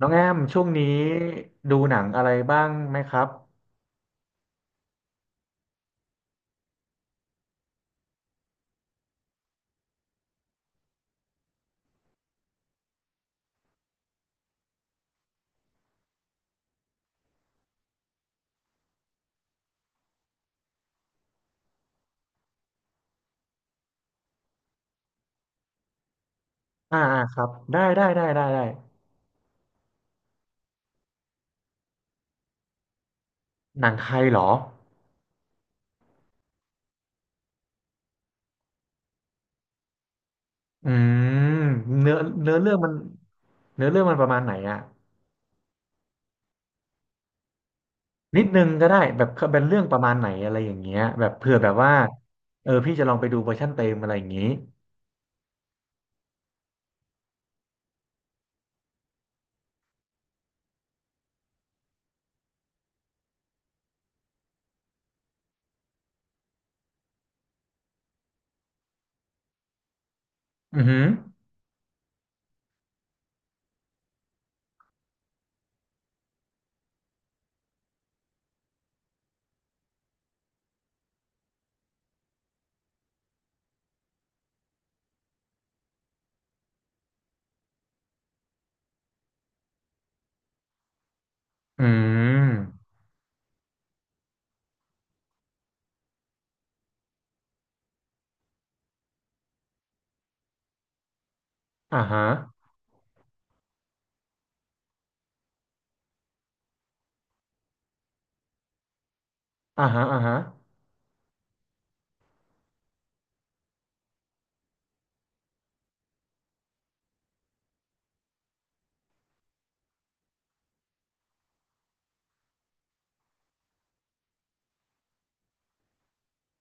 น้องแอมช่วงนี้ดูหนังอะไรบ้างไหมครับอ่าอ่าครับได้ได้ได้ได้ได้หนังไทยเหรออืมเนื้อเนื้อเรื่องมันเนื้อเรื่องมันประมาณไหนอะนิดนึงก็ได้แบบเป็นเรื่องประมาณไหนอะไรอย่างเงี้ยแบบเผื่อแบบว่าเออพี่จะลองไปดูเวอร์ชันเต็มอะไรอย่างงี้อือหืออืมอ่าฮะอ่าฮะอ่าฮะ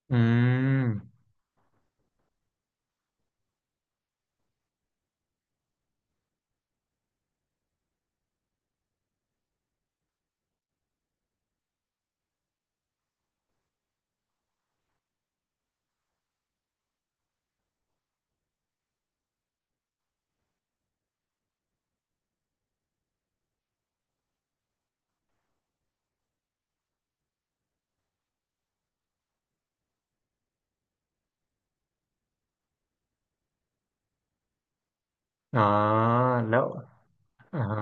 อืมอ๋อแล้วอ่าฮะ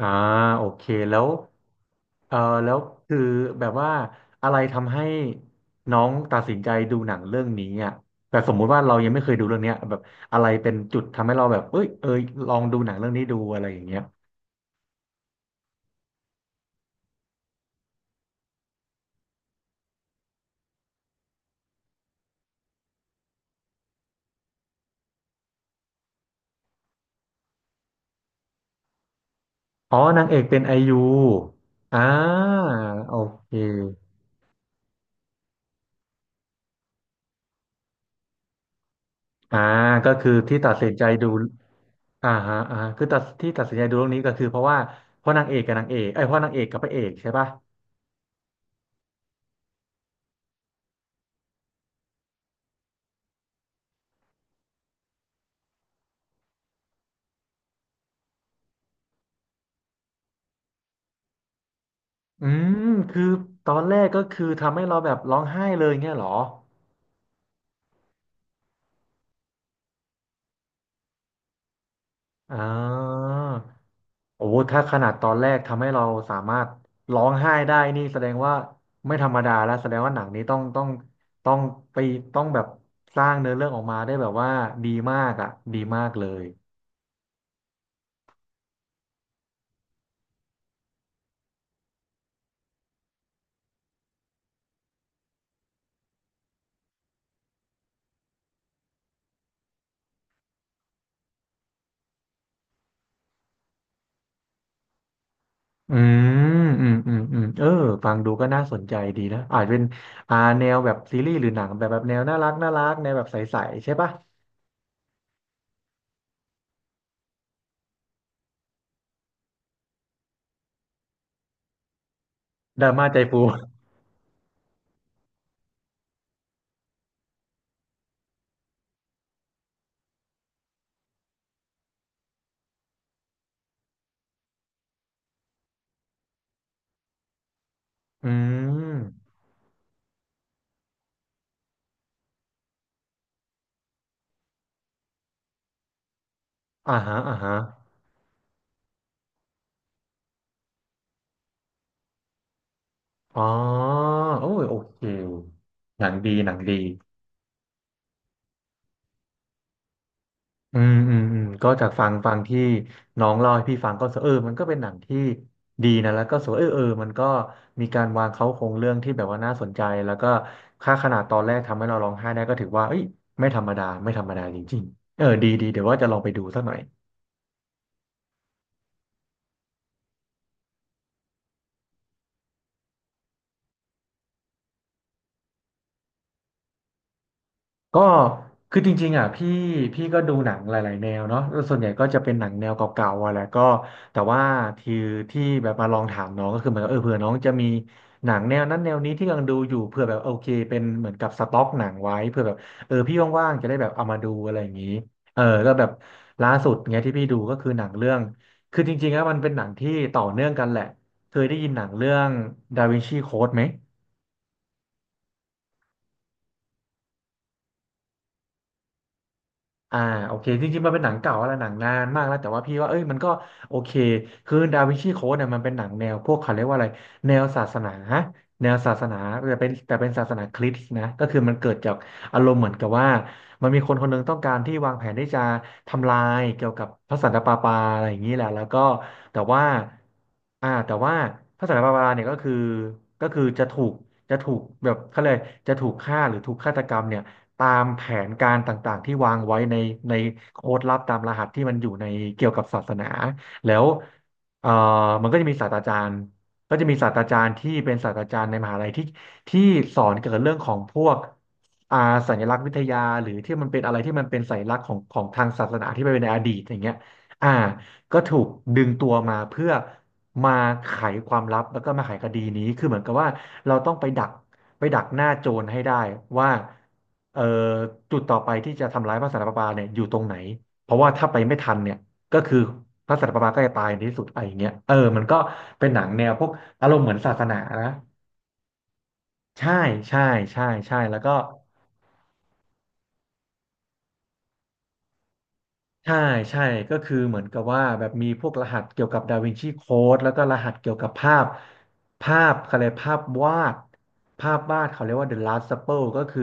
อ่าโอเคแล้วเออแล้วคือแบบว่าอะไรทำให้น้องตัดสินใจดูหนังเรื่องนี้อ่ะแบบสมมุติว่าเรายังไม่เคยดูเรื่องเนี้ยแบบอะไรเป็นจุดทำให้เราแบบเอ้ยลองดูหนังเรื่องนี้ดูอะไรอย่างเงี้ยอ๋อนางเอกเป็นไอยูอ่าโอเคอ่าก็คือที่ตัดสินใจดูอ่าฮะอ่าคือที่ตัดสินใจดูเรื่องนี้ก็คือเพราะว่าเพราะนางเอกกับนางเอกไอ้ยเพราะนางเอกกับพระเอกใช่ปะ อืมคือตอนแรกก็คือทำให้เราแบบร้องไห้เลยเงี้ยเหรออ่าโอ้ถ้าขนาดตอนแรกทำให้เราสามารถร้องไห้ได้นี่แสดงว่าไม่ธรรมดาแล้วแสดงว่าหนังนี้ต้องต้องต้องไปต้องแบบสร้างเนื้อเรื่องออกมาได้แบบว่าดีมากอ่ะดีมากเลยอืมอืมเออฟังดูก็น่าสนใจดีนะอาจเป็นอ่าแนวแบบซีรีส์หรือหนังแบบแบบแนวน่ารักน่ารักแนวแบบใสๆใช่ปะดราม่าใจฟู อืม อ่าฮะอ่าฮะอ๋อโอ้ยโอเคหนังดีหนังดีอืมก็จากฟังที่น้องเล่าให้พี่ฟังก็รู้สึกเออมันก็เป็นหนังที่ดีนะแล้วก็สวยเออเออมันก็มีการวางเขาโครงเรื่องที่แบบว่าน่าสนใจแล้วก็ค่าขนาดตอนแรกทำให้เราร้องไห้ได้ก็ถือว่าเอ้ยไม่ธรรมดาไม่ธรรมดาจริงๆเออดีดีเดี๋ยวว่าจะลองไปดูสักหน่อย ก็คือจริงๆอ่ะพี่ก็ดูหนังหลายๆแนวเนาะแล้วส่วนใหญ่ก็จะเป็นหนังแนวเก่าๆอะแหละก็แต่ว่าที่ที่แบบมาลองถามน้องก็คือเหมือนกับเออเผื่อน้องจะมีหนังแนวนั้นแนวนี้ที่กำลังดูอยู่เผื่อแบบโอเคเป็นเหมือนกับสต็อกหนังไว้เผื่อแบบเออพี่ว่างๆจะได้แบบเอามาดูอะไรอย่างนี้เออก็แบบล่าสุดเงี้ยที่พี่ดูก็คือหนังเรื่องคือจริงๆแล้วมันเป็นหนังที่ต่อเนื่องกันแหละเคยได้ยินหนังเรื่องดาวินชีโค้ดไหม อ่าโอเคจริงๆมันเป็นหนังเก่าแล้วหนังนานมากแล้วแต่ว่าพี่ว่าเอ้ยมันก็โอเคคือดาวินชีโค้ดเนี่ยมันเป็นหนังแนวพวกเขาเรียกว่าอะไรแนวศาสนาแนวศาสนาแต่เป็นศาสนาคริสต์นะก็คือมันเกิดจากอารมณ์เหมือนกับว่ามันมีคนคนหนึงต้องการที่วางแผนที่จะทำลายเกี่ยวกับพระสันตะปาปาอะไรอย่างนี้แหละแล้วก็แต่ว่าแต่ว่าพระสันตะปาปาเนี่ยก็คือก็คือจะถูกจะถูกแบบเขาเลยกจะถูกฆ่าหรือถูกฆาตกรรมเนี่ย ตามแผนการต่างๆที่วางไว้ในโค้ดลับตามรหัสที่มันอยู่ในเกี่ยวกับศาสนาแล้วเอ่อมันก็จะมีศาสตราจารย์ก็จะมีศาสตราจารย์ที่เป็นศาสตราจารย์ในมหาลัยที่สอนเกี่ยวกับเรื่องของพวกอ่าสัญลักษณ์วิทยาหรือที่มันเป็นอะไรที่มันเป็นสัญลักษณ์ของของทางศาสนาที่ไปเป็นในอดีตอย่างเงี้ยอ่า ก็ถูกดึงตัวมาเพื่อมาไขความลับแล้วก็มาไขคดีนี้คือเหมือนกับว่าเราต้องไปดักหน้าโจรให้ได้ว่าเอ่อจุดต่อไปที่จะทำร้ายพระสันตะปาปาเนี่ยอยู่ตรงไหนเพราะว่าถ้าไปไม่ทันเนี่ยก็คือพระสันตะปาปาก็จะตายในที่สุดอะไรอย่างเงี้ยเออมันก็เป็นหนังแนวพวกอารมณ์เหมือนศาสนานะใช่ใช่ใช่ใช่แล้วก็ ใช่ใช่ก็คือเหมือนกับว่าแบบมีพวกรหัสเกี่ยวกับดาวินชีโค้ดแล้วก็รหัสเกี่ยวกับภาพภาพเขาเรียกภาพวาดภาพวาดเขาเรียกว่า The Last Supper ก็คือ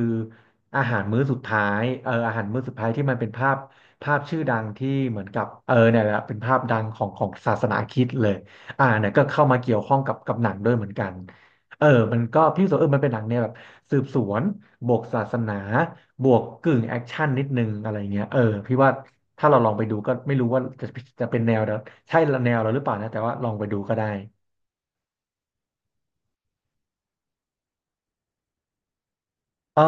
อาหารมื้อสุดท้ายอาหารมื้อสุดท้ายที่มันเป็นภาพภาพชื่อดังที่เหมือนกับเนี่ยแหละเป็นภาพดังของศาสนาคริสต์เลยเนี่ยก็เข้ามาเกี่ยวข้องกับหนังด้วยเหมือนกันเออมันก็พี่รู้สกว่าเออมันเป็นหนังเนี่ยแบบสืบสวนบวกศาสนา บวกกึ่งแอคชั่นนิดนึงอะไรเงี้ยเออพี่ว่าถ้าเราลองไปดูก็ไม่รู้ว่าจะเป็นแนวเดียวใช่แนวเราหรือเปล่านะแต่ว่าลองไปดูก็ได้เออ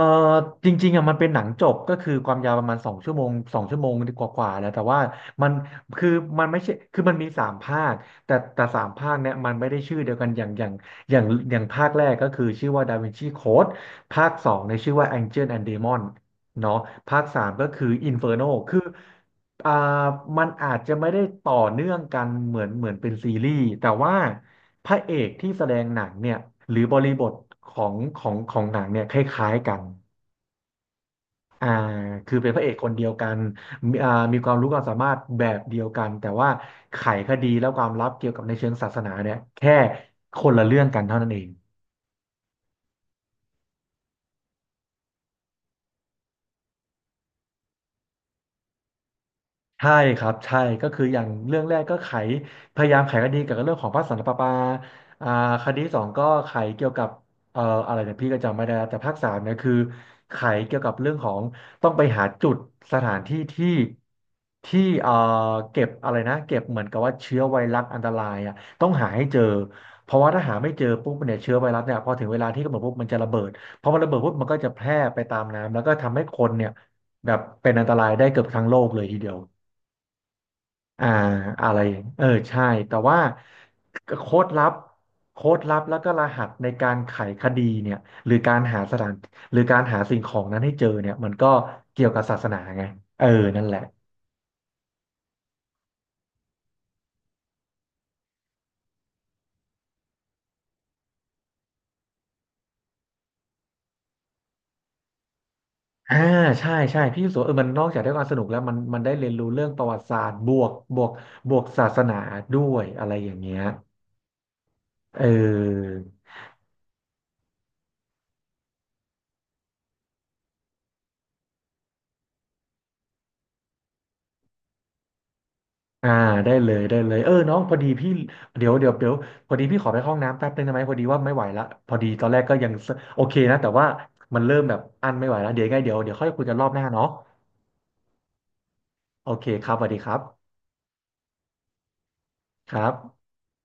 จริงๆอ่ะมันเป็นหนังจบก็คือความยาวประมาณสองชั่วโมงสองชั่วโมงกว่าๆแล้วแต่ว่ามันคือมันไม่ใช่คือมันมีสามภาคแต่สามภาคเนี่ยมันไม่ได้ชื่อเดียวกันอย่างอย่างภาคแรกก็คือชื่อว่าดาวินชีโค้ดภาคสองในยชื่อว่า Angel and Demon เนาะภาคสามก็คือ Inferno คือ อ่ามันอาจจะไม่ได้ต่อเนื่องกันเหมือนเป็นซีรีส์แต่ว่าพระเอกที่แสดงหนังเนี่ยหรือบริบทของหนังเนี่ยคล้ายๆกันอ่าคือเป็นพระเอกคนเดียวกันมีมีความรู้ความสามารถแบบเดียวกันแต่ว่าไขคดีและความลับเกี่ยวกับในเชิงศาสนาเนี่ยแค่คนละเรื่องกันเท่านั้นเอง ใช่ครับใช่ก็คืออย่างเรื่องแรกก็ไขพยายามไขคดีเกี่ยวกับเรื่องของพระสันตะปาปาอ่าคดีสองก็ไขเกี่ยวกับอะไรเนี่ยพี่ก็จำไม่ได้แล้วแต่ภาคสามเนี่ยคือไขเกี่ยวกับเรื่องของต้องไปหาจุดสถานที่ที่ที่เก็บอะไรนะเก็บเหมือนกับว่าเชื้อไวรัสอันตรายอ่ะต้องหาให้เจอเพราะว่าถ้าหาไม่เจอปุ๊บเนี่ยเชื้อไวรัสเนี่ยพอถึงเวลาที่กำหนดปุ๊บมันจะระเบิดพอมันระเบิดปุ๊บมันก็จะแพร่ไปตามน้ำแล้วก็ทำให้คนเนี่ยแบบเป็นอันตรายได้เกือบทั้งโลกเลยทีเดียว อ่าอะไรเออใช่แต่ว่าโค้ดลับโค้ดลับแล้วก็รหัสในการไขคดีเนี่ยหรือการหาสถานหรือการหาสิ่งของนั้นให้เจอเนี่ยมันก็เกี่ยวกับศาสนาไงเออนั่นแหละอ่าใช่ใช่พี่รู้สึกว่าเออมันนอกจากได้ความสนุกแล้วมันได้เรียนรู้เรื่องประวัติศาสตร์บวกบวกศาสนาด้วยอะไรอย่างเงี้ยเออ อ่าได้เลยได้เลยเออน้องพอดีพี่เดี๋ยวพอดีพี่ขอไปเข้าห้องน้ำแป๊บนึงได้ไหมพอดีว่าไม่ไหวละพอดีตอนแรกก็ยังสโอเคนะแต่ว่ามันเริ่มแบบอั้นไม่ไหวแล้วเดี๋ยวยังไงเดี๋ยวค่อยคุยกันรอบหน้าเนาะโอเคครับสวัสดีครับครับ